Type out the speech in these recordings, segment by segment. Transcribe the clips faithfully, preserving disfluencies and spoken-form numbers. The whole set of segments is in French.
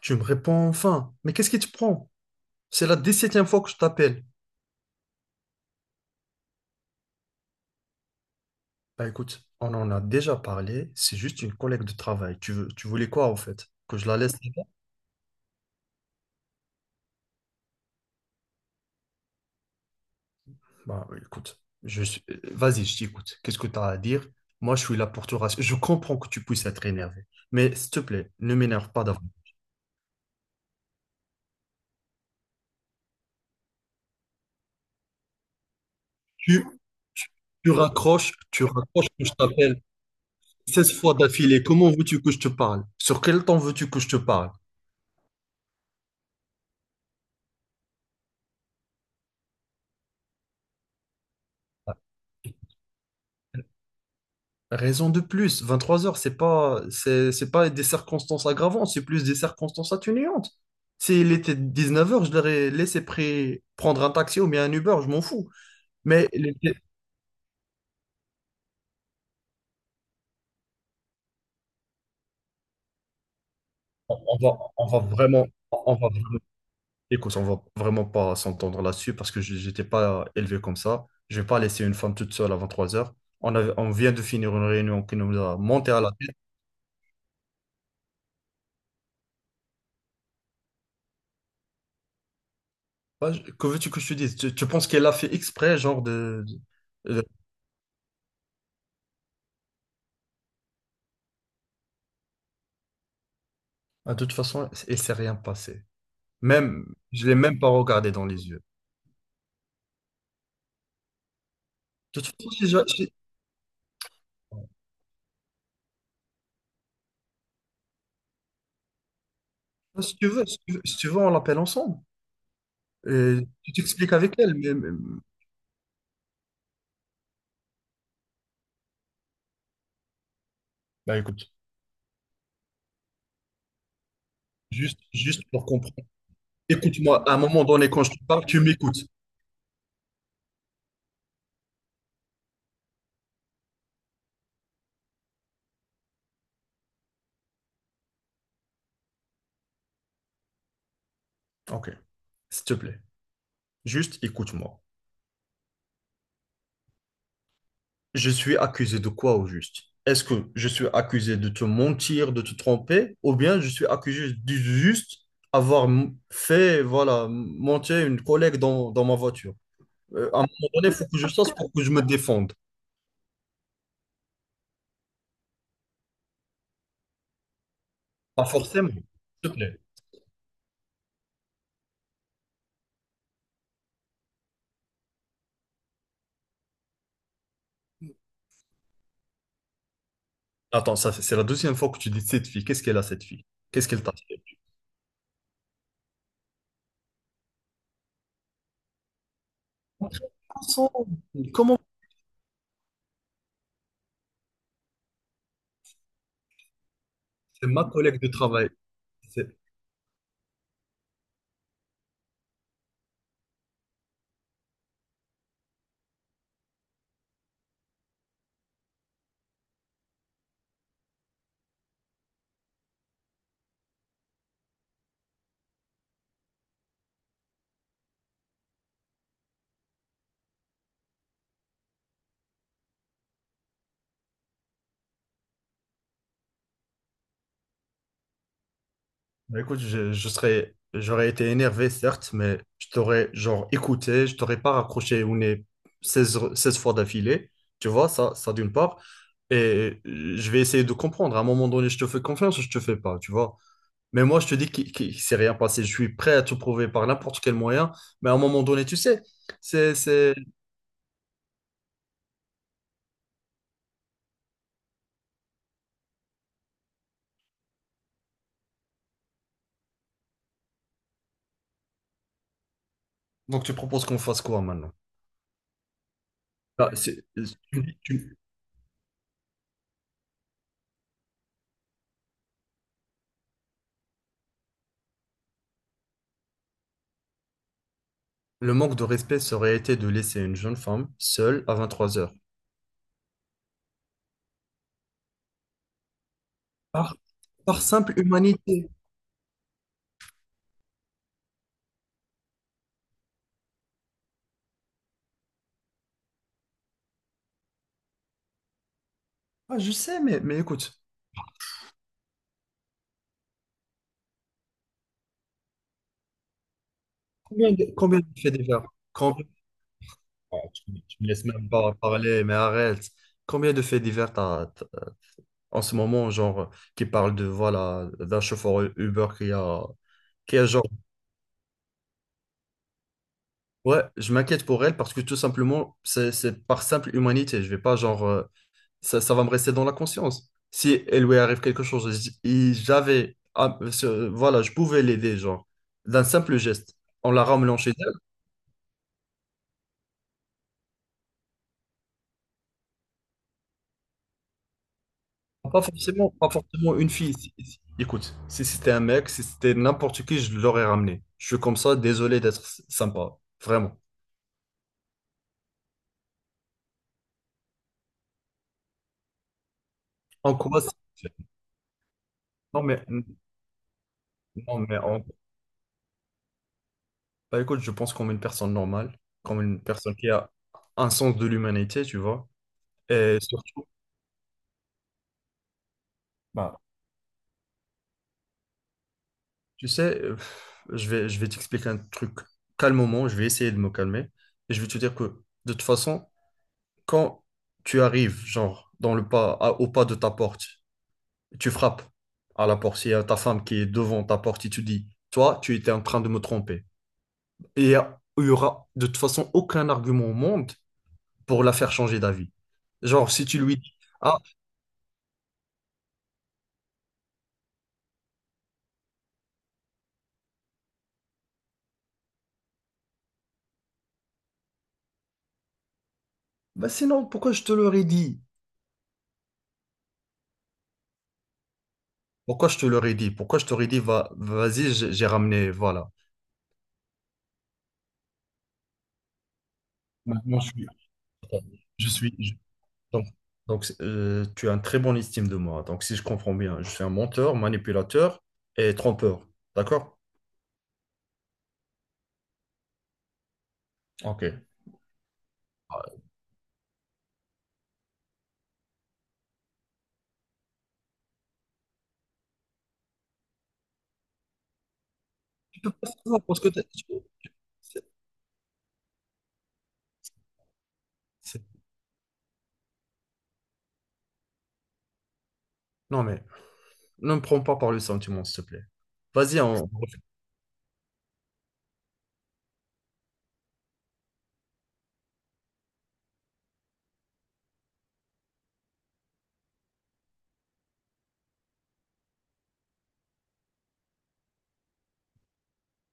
Tu me réponds enfin. Mais qu'est-ce qui te prend? C'est la dix-septième fois que je t'appelle. Bah écoute, on en a déjà parlé. C'est juste une collègue de travail. Tu veux, tu voulais quoi en fait? Que je la laisse là-bas? Bah oui, écoute, je suis- euh, vas-y, je t'écoute. Qu'est-ce que tu as à dire? Moi, je suis là pour te rassurer. Je comprends que tu puisses être énervé. Mais s'il te plaît, ne m'énerve pas d'avant. Tu, tu, tu raccroches, tu raccroches que je t'appelle seize fois d'affilée. Comment veux-tu que je te parle? Sur quel temps veux-tu que je te parle? Raison de plus, vingt-trois heures, c'est pas, c'est, c'est pas des circonstances aggravantes, c'est plus des circonstances atténuantes. S'il était dix-neuf heures, je l'aurais laissé pré- prendre un taxi ou bien un Uber, je m'en fous. Mais il était- on on va, on va vraiment, on va, écoute, on va vraiment pas s'entendre là-dessus parce que je- j'étais pas élevé comme ça. Je vais pas laisser une femme toute seule à trois heures. On avait- on vient de finir une réunion qui nous a monté à la tête. Ouais, je- que veux-tu que je te dise? Tu, tu penses qu'elle a fait exprès, genre de, de- de- Ah, de toute façon, il s'est rien passé. Même, je l'ai même pas regardé dans les yeux. De toute façon, si, je- si- si tu veux, si tu veux, si tu veux, on l'appelle ensemble. Et tu t'expliques avec elle, mais, mais- Bah écoute. juste, juste pour comprendre. Écoute-moi, à un moment donné, quand je te parle, tu m'écoutes. Ok, s'il te plaît, juste écoute-moi. Je suis accusé de quoi au juste? Est-ce que je suis accusé de te mentir, de te tromper, ou bien je suis accusé du juste avoir m- fait, voilà, m- monter une collègue dans, dans ma voiture? Euh, à un moment donné, il faut que je sache pour que je me défende. Pas forcément. S'il te plaît. Attends, ça, c'est c'est la deuxième fois que tu dis cette fille. Qu'est-ce qu'elle a, cette fille? Qu'est-ce qu'elle t'a fait? Comment, c'est ma collègue de travail? C'est- Bah, écoute, je, je serais, j'aurais été énervé, certes, mais je t'aurais genre écouté, je t'aurais pas raccroché au nez seize re- seize fois d'affilée. Tu vois, ça, ça d'une part. Et euh, je vais essayer de comprendre. À un moment donné, je te fais confiance ou je te fais pas, tu vois. Mais moi, je te dis qu'il qu'il- s'est rien passé. Je suis prêt à te prouver par n'importe quel moyen. Mais à un moment donné, tu sais, c'est, c'est... Donc, tu proposes qu'on fasse quoi maintenant? Bah, c'est- tu- tu- Le manque de respect serait été de laisser une jeune femme seule à vingt-trois heures. Par, par simple humanité. Ah, je sais, mais, mais écoute, combien de, combien de faits divers? Combien on va parler, mais arrête. Combien de faits divers t'as, t'as- en ce moment, genre, qui parlent de, voilà, d'un chauffeur Uber qui a, qui a, genre, Ouais, je m'inquiète pour elle parce que tout simplement, c'est c'est par simple humanité. Je vais pas genre, euh, ça, ça va me rester dans la conscience. Si elle lui arrive quelque chose, j- et j'avais, ah, ce- voilà, je pouvais l'aider, genre, d'un simple geste, en la ramenant chez elle. Pas forcément, pas forcément une fille. Si- si- Écoute, si c'était un mec, si c'était n'importe qui, je l'aurais ramené. Je suis comme ça, désolé d'être s- sympa, vraiment. En quoi? c'est- Non mais, non mais Bah écoute, je pense comme une personne normale, comme une personne qui a un sens de l'humanité, tu vois. Et surtout. Bah, tu sais, euh, je vais, je vais t'expliquer un truc calmement, je vais essayer de me calmer. Et je vais te dire que, de toute façon, quand tu arrives, genre, dans le pas, à- au pas de ta porte, tu frappes à la porte, il y a ta femme qui est devant ta porte et tu dis, toi, tu étais en train de me tromper. Et il y a- il y aura, de toute façon, aucun argument au monde pour la faire changer d'avis. Genre, si tu lui dis, ah. Bah sinon, pourquoi je te l'aurais dit? Pourquoi je te l'aurais dit? Pourquoi je t'aurais dit, va, vas-y, j'ai j'ai ramené, voilà. Maintenant, je suis, je suis, je- donc, donc, euh, tu as une très bonne estime de moi. Donc, si je comprends bien, je suis un menteur, manipulateur et trompeur. D'accord? Ok. Tu peux pas savoir parce que t'as- tu- c'est- c'est- non, mais ne me prends pas par le sentiment, s'il te plaît. Vas-y, on...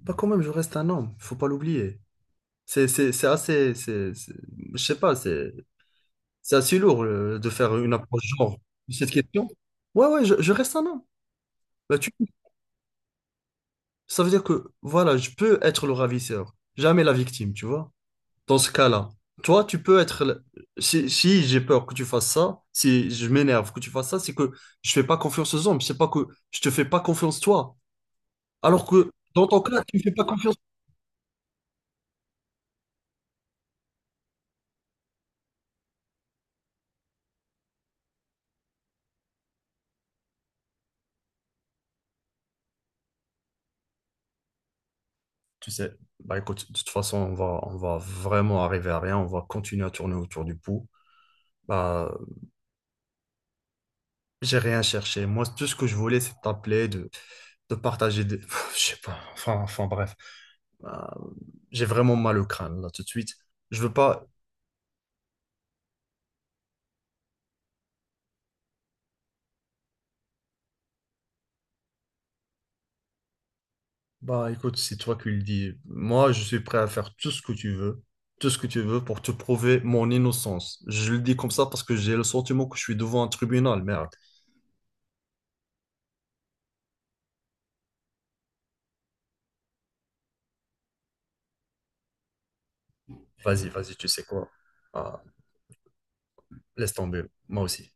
Bah, quand même, je reste un homme, faut pas l'oublier. C'est c'est- c'est assez... c'est- c'est- Je sais pas, c'est... C'est assez lourd euh, de faire une approche genre de cette question. Ouais, ouais, je, je reste un homme. Bah, tu... Ça veut dire que, voilà, je peux être le ravisseur, jamais la victime, tu vois. Dans ce cas-là, toi, tu peux être... le- Si, si j'ai peur que tu fasses ça, si je m'énerve que tu fasses ça, c'est que je fais pas confiance aux hommes, c'est pas que je te fais pas confiance toi. Alors que, dans ton cas, tu me fais pas confiance. Tu sais, bah écoute, de toute façon, on va, on va vraiment arriver à rien, on va continuer à tourner autour du pot. Bah, j'ai rien cherché. Moi, tout ce que je voulais, c'est t'appeler, de, de partager des... Je sais pas, enfin, enfin bref. Bah, j'ai vraiment mal au crâne, là, tout de suite. Je veux pas... Bah, écoute, c'est toi qui le dis. Moi, je suis prêt à faire tout ce que tu veux, tout ce que tu veux pour te prouver mon innocence. Je le dis comme ça parce que j'ai le sentiment que je suis devant un tribunal, merde. Vas-y, vas-y, tu sais quoi? Ah, laisse tomber, moi aussi.